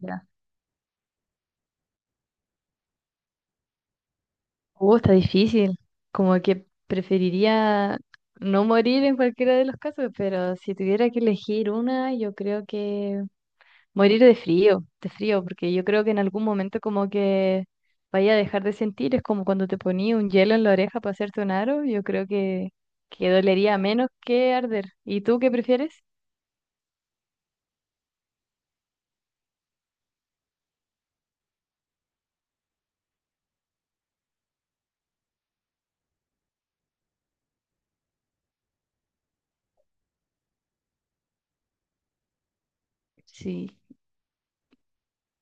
Ya. Está difícil. Como que preferiría no morir en cualquiera de los casos, pero si tuviera que elegir una, yo creo que morir de frío, porque yo creo que en algún momento como que vaya a dejar de sentir, es como cuando te ponía un hielo en la oreja para hacerte un aro, yo creo que dolería menos que arder. ¿Y tú qué prefieres? Sí.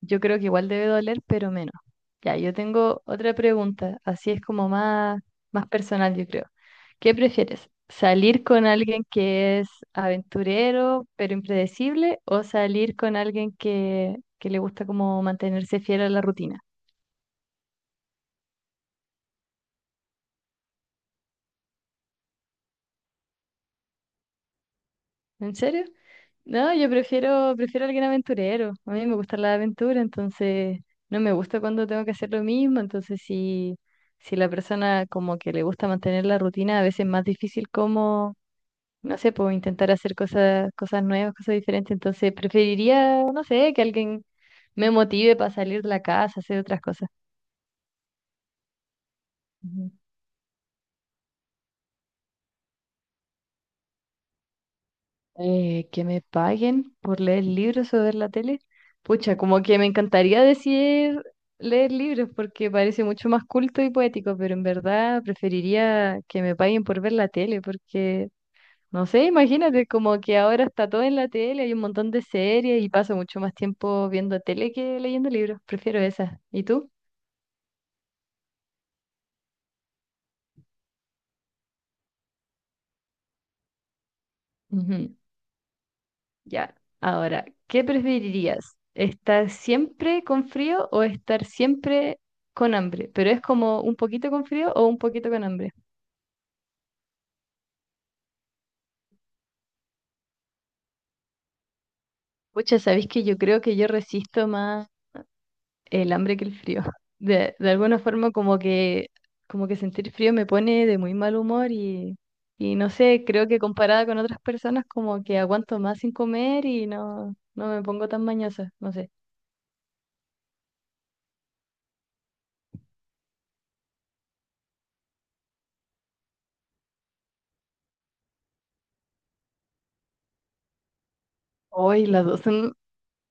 Yo creo que igual debe doler, pero menos. Ya, yo tengo otra pregunta, así es como más personal, yo creo. ¿Qué prefieres? ¿Salir con alguien que es aventurero, pero impredecible, o salir con alguien que le gusta como mantenerse fiel a la rutina? ¿En serio? No, yo prefiero alguien aventurero. A mí me gusta la aventura, entonces no me gusta cuando tengo que hacer lo mismo. Entonces, si la persona como que le gusta mantener la rutina, a veces es más difícil. No sé, puedo intentar hacer cosas, cosas nuevas, cosas diferentes. Entonces, preferiría, no sé, que alguien me motive para salir de la casa, hacer otras cosas. Ujú. Que me paguen por leer libros o ver la tele. Pucha, como que me encantaría decir leer libros porque parece mucho más culto y poético, pero en verdad preferiría que me paguen por ver la tele porque no sé, imagínate, como que ahora está todo en la tele, hay un montón de series y paso mucho más tiempo viendo tele que leyendo libros. Prefiero esas. ¿Y tú? Ujú. Ya. Ahora, ¿qué preferirías? ¿Estar siempre con frío o estar siempre con hambre? Pero es como un poquito con frío o un poquito con hambre. Pucha, ¿sabéis que yo creo que yo resisto más el hambre que el frío? De alguna forma como que sentir frío me pone de muy mal humor y no sé, creo que comparada con otras personas como que aguanto más sin comer y no me pongo tan mañosa, no sé. Hoy las dos son,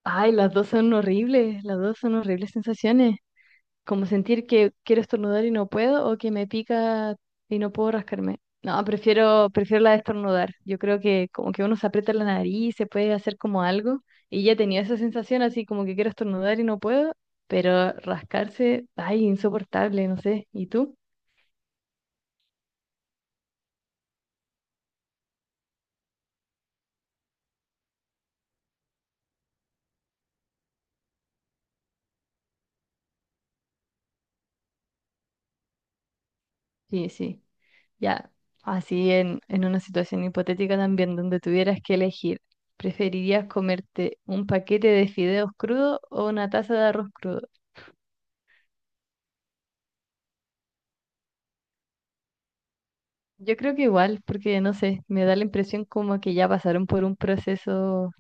ay, las dos son horribles sensaciones. Como sentir que quiero estornudar y no puedo o que me pica y no puedo rascarme. No, prefiero la de estornudar. Yo creo que como que uno se aprieta la nariz, se puede hacer como algo y ya tenía esa sensación así como que quiero estornudar y no puedo, pero rascarse, ay, insoportable, no sé. ¿Y tú? Sí, sí. Ya, así en una situación hipotética también donde tuvieras que elegir, ¿preferirías comerte un paquete de fideos crudos o una taza de arroz crudo? Yo creo que igual, porque no sé, me da la impresión como que ya pasaron por un proceso,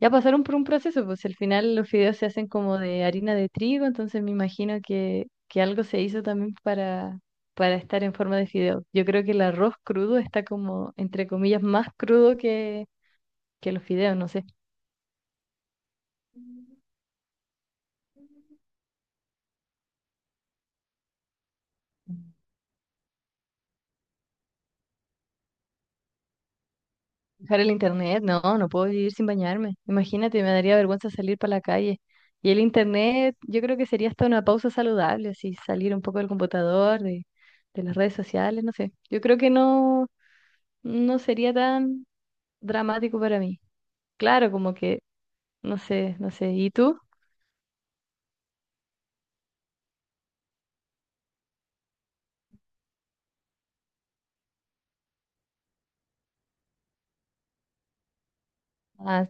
ya pasaron por un proceso, pues al final los fideos se hacen como de harina de trigo, entonces me imagino que algo se hizo también para estar en forma de fideo. Yo creo que el arroz crudo está como, entre comillas, más crudo que los fideos, no sé. Dejar el internet, no, no puedo vivir sin bañarme. Imagínate, me daría vergüenza salir para la calle. Y el internet, yo creo que sería hasta una pausa saludable, así salir un poco del computador, de las redes sociales, no sé. Yo creo que no sería tan dramático para mí. Claro, como que, no sé, no sé. ¿Y tú? Ah,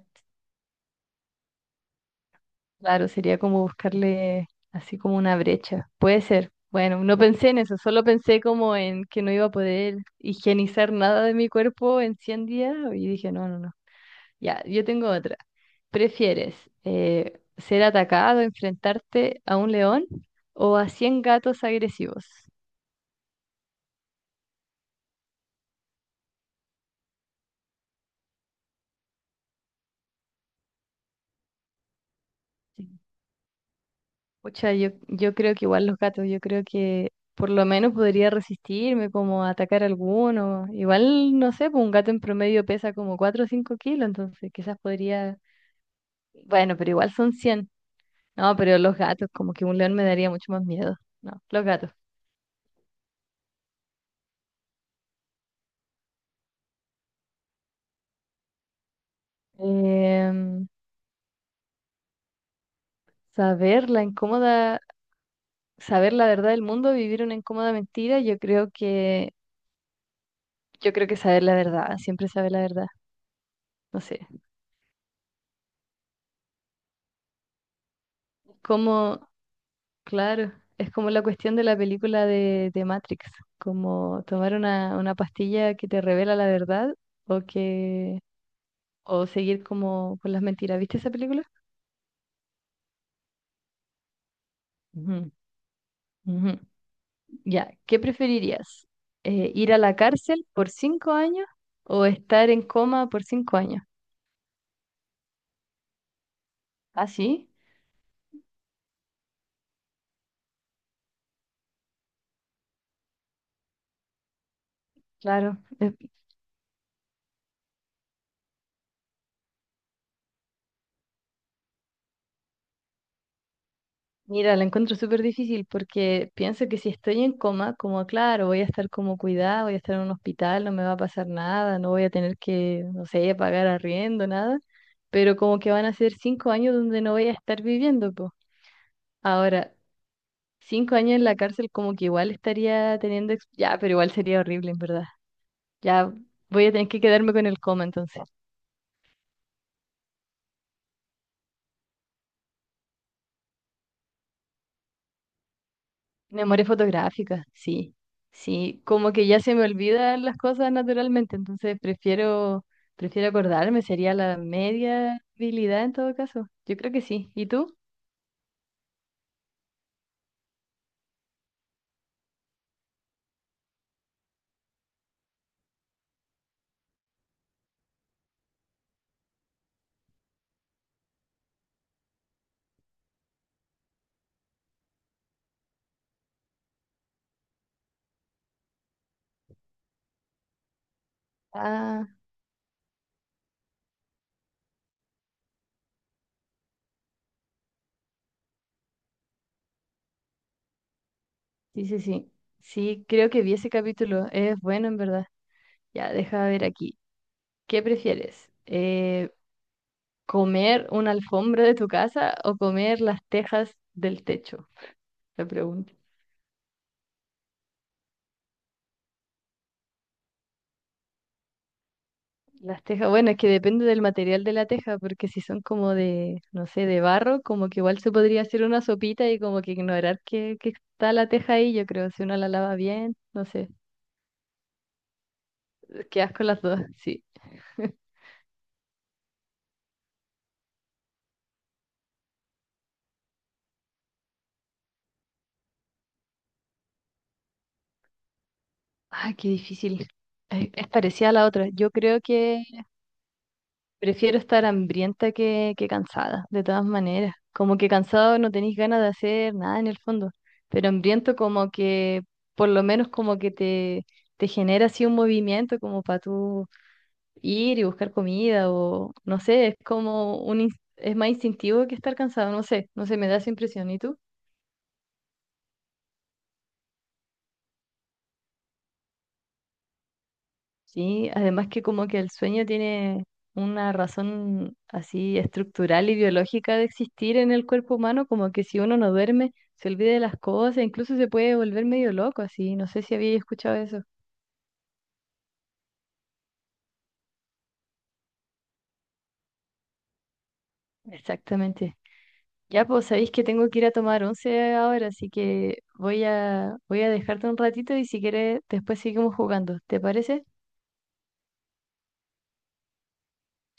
claro, sería como buscarle así como una brecha. Puede ser. Bueno, no pensé en eso, solo pensé como en que no iba a poder higienizar nada de mi cuerpo en 100 días y dije, no, no, no. Ya, yo tengo otra. ¿Prefieres ser atacado, enfrentarte a un león o a 100 gatos agresivos? Sí. Pucha, yo creo que igual los gatos, yo creo que por lo menos podría resistirme como a atacar alguno. Igual, no sé, pues un gato en promedio pesa como 4 o 5 kilos, entonces quizás podría... Bueno, pero igual son cien. No, pero los gatos, como que un león me daría mucho más miedo. No, los gatos. Em, saber la incómoda Saber la verdad del mundo, vivir una incómoda mentira, yo creo que saber la verdad, siempre saber la verdad. No sé. Como, claro, es como la cuestión de la película de Matrix, como tomar una pastilla que te revela la verdad o que, o seguir como con las mentiras. ¿Viste esa película? Ujú, ujú. Ya, ¿qué preferirías? ¿Ir a la cárcel por 5 años o estar en coma por 5 años? Ah, sí, claro. Mira, la encuentro súper difícil porque pienso que si estoy en coma, como claro, voy a estar como cuidada, voy a estar en un hospital, no me va a pasar nada, no voy a tener que, no sé, pagar arriendo, nada, pero como que van a ser 5 años donde no voy a estar viviendo, pues. Ahora, 5 años en la cárcel como que igual estaría teniendo, ex- ya, pero igual sería horrible, en verdad. Ya voy a tener que quedarme con el coma entonces. Memoria fotográfica, sí, sí, como que ya se me olvidan las cosas naturalmente, entonces prefiero, prefiero acordarme, sería la media habilidad en todo caso. Yo creo que sí. ¿Y tú? Ah, sí, sí, sí. Sí, creo que vi ese capítulo. Es bueno, en verdad. Ya, deja ver aquí. ¿Qué prefieres? ¿Comer una alfombra de tu casa o comer las tejas del techo? La pregunta. Las tejas, bueno, es que depende del material de la teja, porque si son como de, no sé, de barro, como que igual se podría hacer una sopita y como que ignorar que está la teja ahí, yo creo, si uno la lava bien, no sé, quedas con las dos, sí. Ay, qué difícil. Es parecida a la otra. Yo creo que prefiero estar hambrienta que cansada, de todas maneras. Como que cansado no tenéis ganas de hacer nada en el fondo, pero hambriento como que, por lo menos como que te genera así un movimiento como para tú ir y buscar comida o no sé, es como es más instintivo que estar cansado, no sé, no sé, me da esa impresión. ¿Y tú? Sí, además que como que el sueño tiene una razón así estructural y biológica de existir en el cuerpo humano, como que si uno no duerme, se olvida de las cosas, incluso se puede volver medio loco, así, no sé si había escuchado eso. Exactamente. Ya, pues sabéis que tengo que ir a tomar once ahora, así que voy a dejarte un ratito y si quieres después seguimos jugando. ¿Te parece?